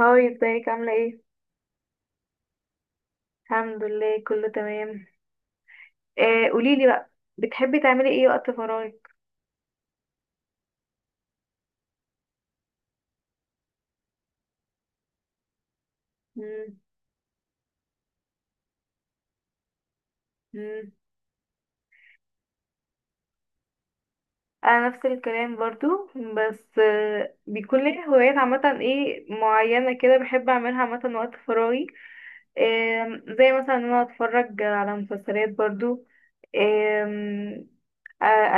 هاي ازيك عاملة ايه؟ الحمد لله كله تمام. قوليلي بقى. بتحبي تعملي ايه وقت فراغك؟ مم، مم. انا نفس الكلام برضو. بس بيكون لي هوايات عامة ايه معينة كده بحب اعملها عامة وقت فراغي. زي مثلا ان انا اتفرج على مسلسلات برضو. آه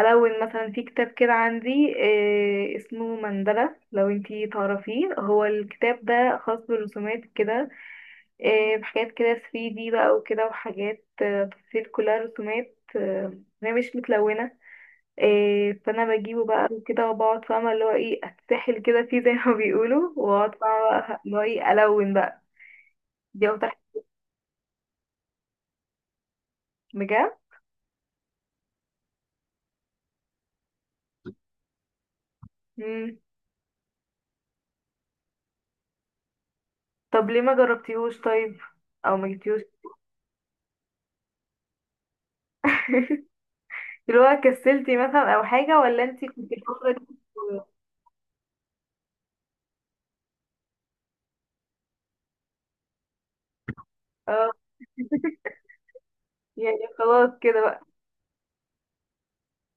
الون مثلا في كتاب كده عندي. اسمه مندلة لو انتي تعرفيه. هو الكتاب ده خاص بالرسومات كده، بحاجات كده 3D بقى وكده وحاجات، تفاصيل كلها رسومات، هي مش متلونة، فأنا بجيبه بقى وكده وبقعد فاهمة اللي هو ايه أتسحل كده فيه زي ما بيقولوا وأقعد فاهمة بقى اللي هو ايه ألون بقى. دي أكتر حاجة. بجد. مم. طب ليه ما جربتيهوش طيب؟ أو ما جبتيهوش؟ اللي هو كسلتي مثلا أو حاجة، ولا انتي كنتي الفترة دي؟ اه. يعني خلاص كده.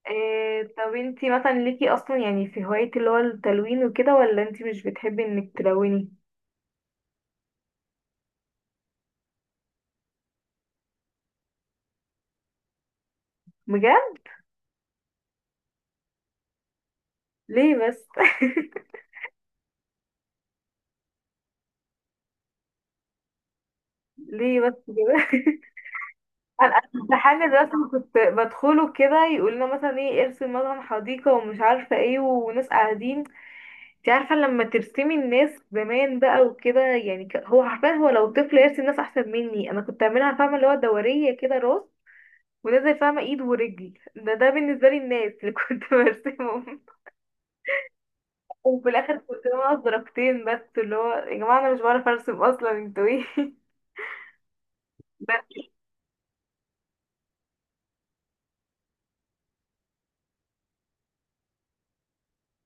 إيه، طب انتي مثلا ليكي اصلا يعني في هواية اللي هو التلوين وكده، ولا انتي مش بتحبي انك تلوني؟ بجد؟ ليه بس؟ ليه بس كده؟ انا امتحان الرسم كنت بدخله كده، يقول لنا مثلا ايه ارسم مثلا حديقة ومش عارفة ايه، وناس قاعدين. انت عارفة لما ترسمي الناس زمان بقى وكده، يعني هو حرفيا، هو لو طفل يرسم ناس احسن مني. انا كنت اعملها فاهمة اللي هو دورية كده راس ونازل فاهمة ايد ورجل. ده بالنسبة لي الناس اللي كنت برسمهم. وفي الاخر كنت ناقص درجتين بس، اللي هو يا جماعه انا مش بعرف ارسم اصلا، انتوا ايه؟ بس.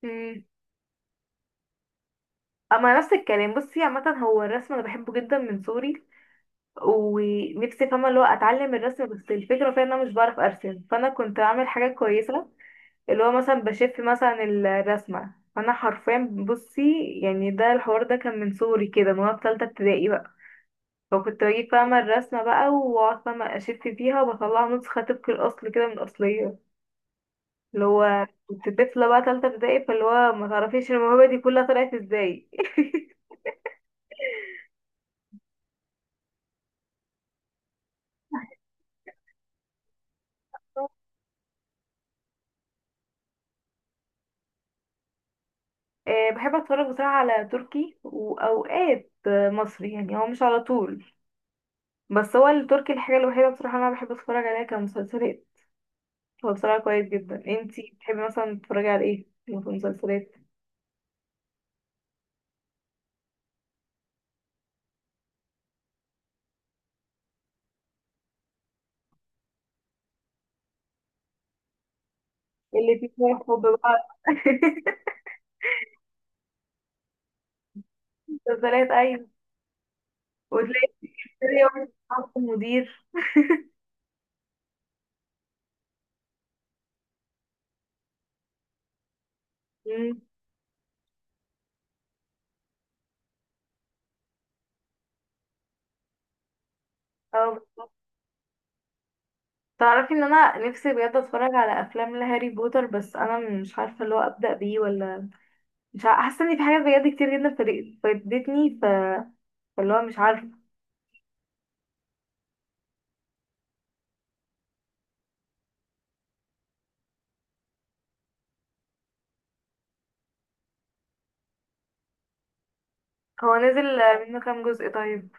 مم. اما نفس الكلام، بصي عامه هو الرسم انا بحبه جدا من صغري. ونفسي فاهمه اللي هو اتعلم الرسم، بس الفكره فيها ان انا مش بعرف ارسم، فانا كنت اعمل حاجه كويسه، اللي هو مثلا بشف مثلا الرسمه، فانا حرفيا بصي يعني، ده الحوار ده كان من صغري كده، من وانا في تالتة ابتدائي بقى. فكنت بجيب فاهمه الرسمه بقى، واقعد فاهمه اشف فيها، وبطلع نسخه طبق الاصل كده من الاصليه. اللي هو كنت طفلة بقى تالتة ابتدائي، فاللي هو ما تعرفيش الموهبة دي كلها طلعت ازاي. أه بحب اتفرج بصراحة على تركي، واوقات مصري، يعني هو مش على طول. بس هو التركي الحاجة الوحيدة بصراحة اللي انا بحب اتفرج عليها كمسلسلات. هو بصراحة كويس جدا. انتي بتحبي مثلا تتفرجي على ايه في المسلسلات؟ اللي فيه شوية حب بقى. مسلسلات، ايوه. وتلاقي في يوم المدير. مم. اه، تعرفي ان انا نفسي بجد اتفرج على افلام لهاري بوتر، بس انا مش عارفه اللي هو ابدا بيه ولا. مش عارفه، حاسه ان في حاجات بجد كتير جدا فاتتني فاللي هو مش عارفه. هو نزل منه كام جزء طيب؟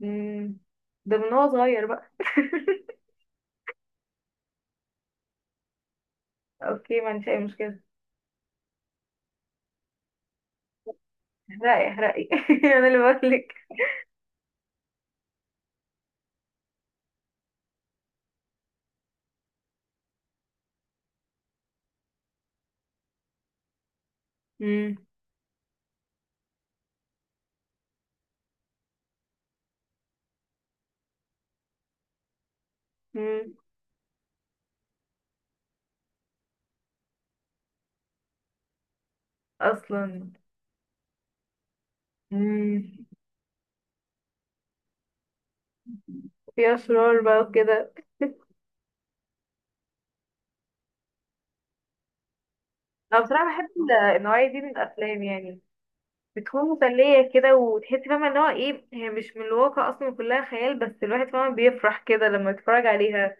مم. ده من هو صغير بقى. اوكي، ما عنديش اي مشكله. احرقي احرقي انا اللي بقولك. مم. مم. اصلا. مم. في اشرار بقى وكده. انا بصراحه بحب النوعيه دي من الافلام، يعني بتكون مسلية كده، وتحس فاهمة ان هو ايه، هي مش من الواقع اصلا، كلها خيال، بس الواحد فاهمة بيفرح كده لما يتفرج عليها.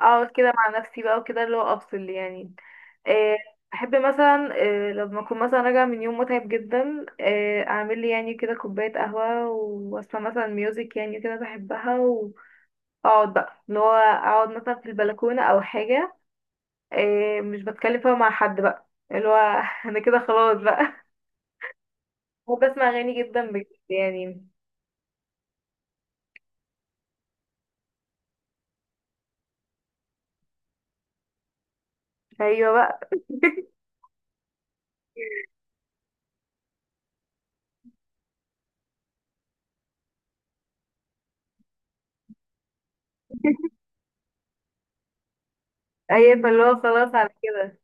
اقعد كده مع نفسي بقى وكده، اللي هو افصل يعني. آه. احب مثلا، لما اكون مثلا راجعة من يوم متعب جدا، اعمل لي يعني كده كوباية قهوة، واسمع مثلا ميوزك، يعني كده بحبها. واقعد بقى، اللي هو اقعد مثلا في البلكونة او حاجة، مش بتكلم فيها مع حد بقى، اللي هو انا كده خلاص بقى. وبسمع اغاني جدا بجد يعني. ايوه بقى. اي فاللي هو خلاص على كده.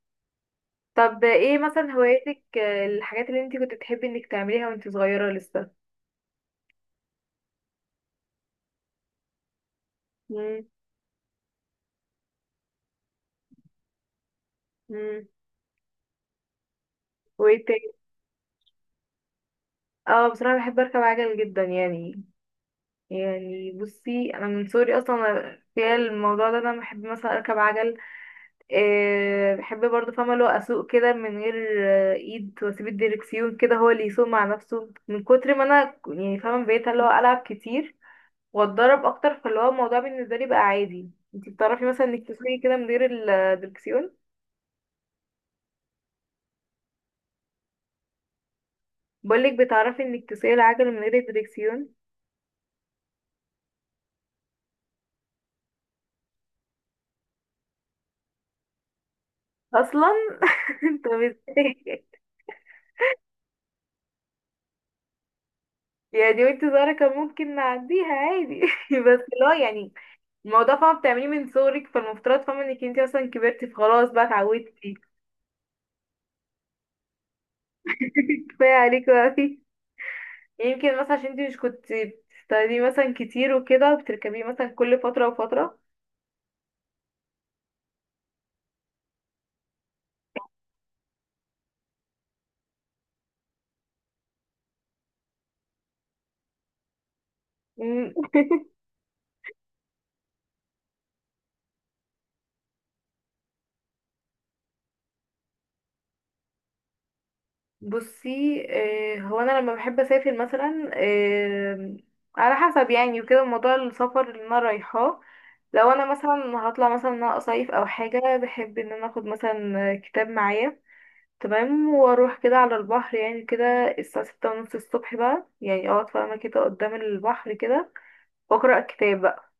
طب ايه مثلا هواياتك، الحاجات اللي انت كنت بتحبي انك تعمليها وانت صغيرة لسه؟ مم. مم. وايه تاني؟ اه بصراحة بحب اركب عجل جدا يعني. يعني بصي انا من صغري اصلا في الموضوع ده انا بحب مثلا اركب عجل. بحب برضه فاهمة اللي هو اسوق كده من غير، ايد، واسيب الديركسيون كده هو اللي يسوق مع نفسه، من كتر ما انا يعني فاهمة بقيت اللي هو العب كتير واتدرب اكتر، فاللي هو الموضوع بالنسبه لي بقى عادي. انتي بتعرفي مثلا انك تسوقي كده من غير الدركسيون؟ بقولك، بتعرفي انك تسوقي العجل من غير الدركسيون؟ اصلا؟ انت ازاي؟ يعني وانت صغيره كان ممكن نعديها عادي بس لا، يعني الموضوع فاهمه بتعمليه من صغرك، فالمفترض فاهمه انك انت مثلا كبرتي فخلاص بقى اتعودتي. كفايه عليكي بقى. يمكن مثلا عشان انت مش كنت بتستخدميه مثلا كتير وكده، وبتركبيه مثلا كل فتره وفتره. بصي، هو انا لما بحب اسافر مثلا، على حسب يعني، وكده موضوع السفر اللي انا رايحاه. لو انا مثلا هطلع مثلا ان انا اصيف او حاجه، بحب ان انا اخد مثلا كتاب معايا، تمام، واروح كده على البحر يعني كده، الساعه 6:30 الصبح بقى، يعني اقعد فاهمه كده قدام البحر كده، واقرا كتاب بقى.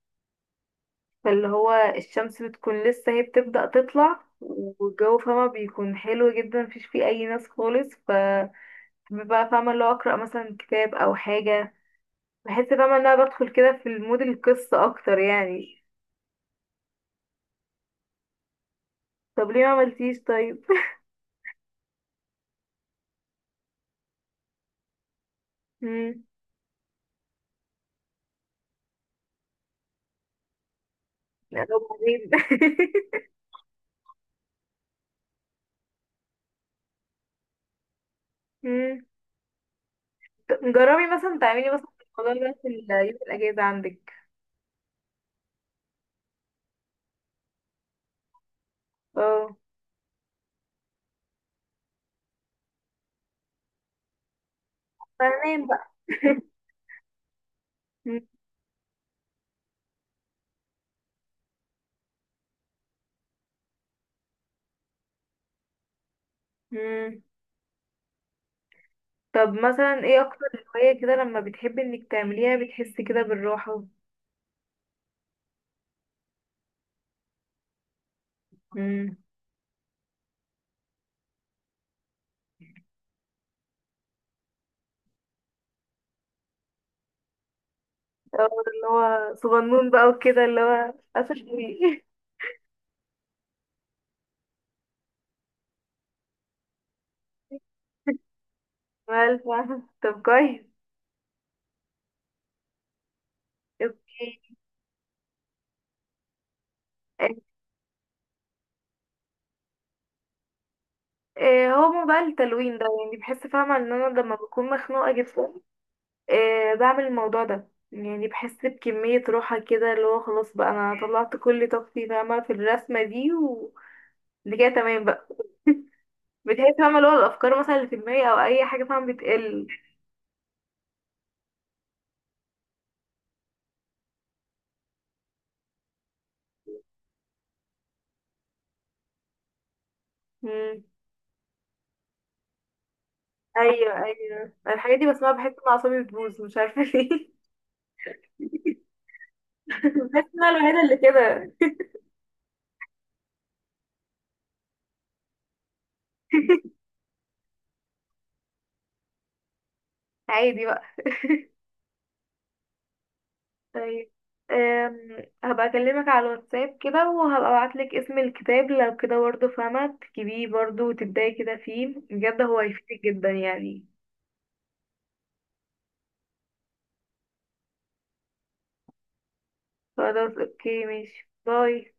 فاللي هو الشمس بتكون لسه هي بتبدا تطلع، والجو فاهمه بيكون حلو جدا، مفيش فيه اي ناس خالص، ف بحب بقى فاهمة اللي هو أقرأ مثلا كتاب أو حاجة. بحس فاهمة إن أنا بدخل كده في المود القصة أكتر يعني. طب ليه ما عملتيش طيب؟ مم. لا لو بعدين. مم. طب جربي مثلا تعملي مثلا الموضوع ده في يوم الأجازة عندك. اه. فنام بقى. مم. مم. طب مثلا ايه أكتر هواية كده لما بتحبي إنك تعمليها بتحسي كده بالراحة؟ مم. أو اللي هو صغنون بقى وكده، اللي هو أسف. مالفة، طب كويس. اوكي. آه، هو موضوع التلوين ده، يعني بحس فاهمة ان انا لما بكون مخنوقة جدا، بعمل الموضوع ده، يعني بحس بكمية راحة كده، اللي هو خلاص بقى انا طلعت كل طاقتي فاهمة في الرسمة دي، وده كده تمام بقى. بتحس فاهمة اللي هو الافكار مثلا اللي في دماغي او اي حاجة فاهمة بتقل. مم. ايوه ايوه، الحاجات دي بسمعها بحس ان اعصابي بتبوظ، مش عارفة ليه. بحس ان انا الوحيدة اللي كده. عادي بقى. طيب. هبقى اكلمك على الواتساب كده، وهبقى ابعتلك اسم الكتاب، لو كده برضه فاهمة تجيبيه برضه وتبداي كده فيه، بجد هو هيفيدك جدا يعني. خلاص، اوكي، ماشي، باي.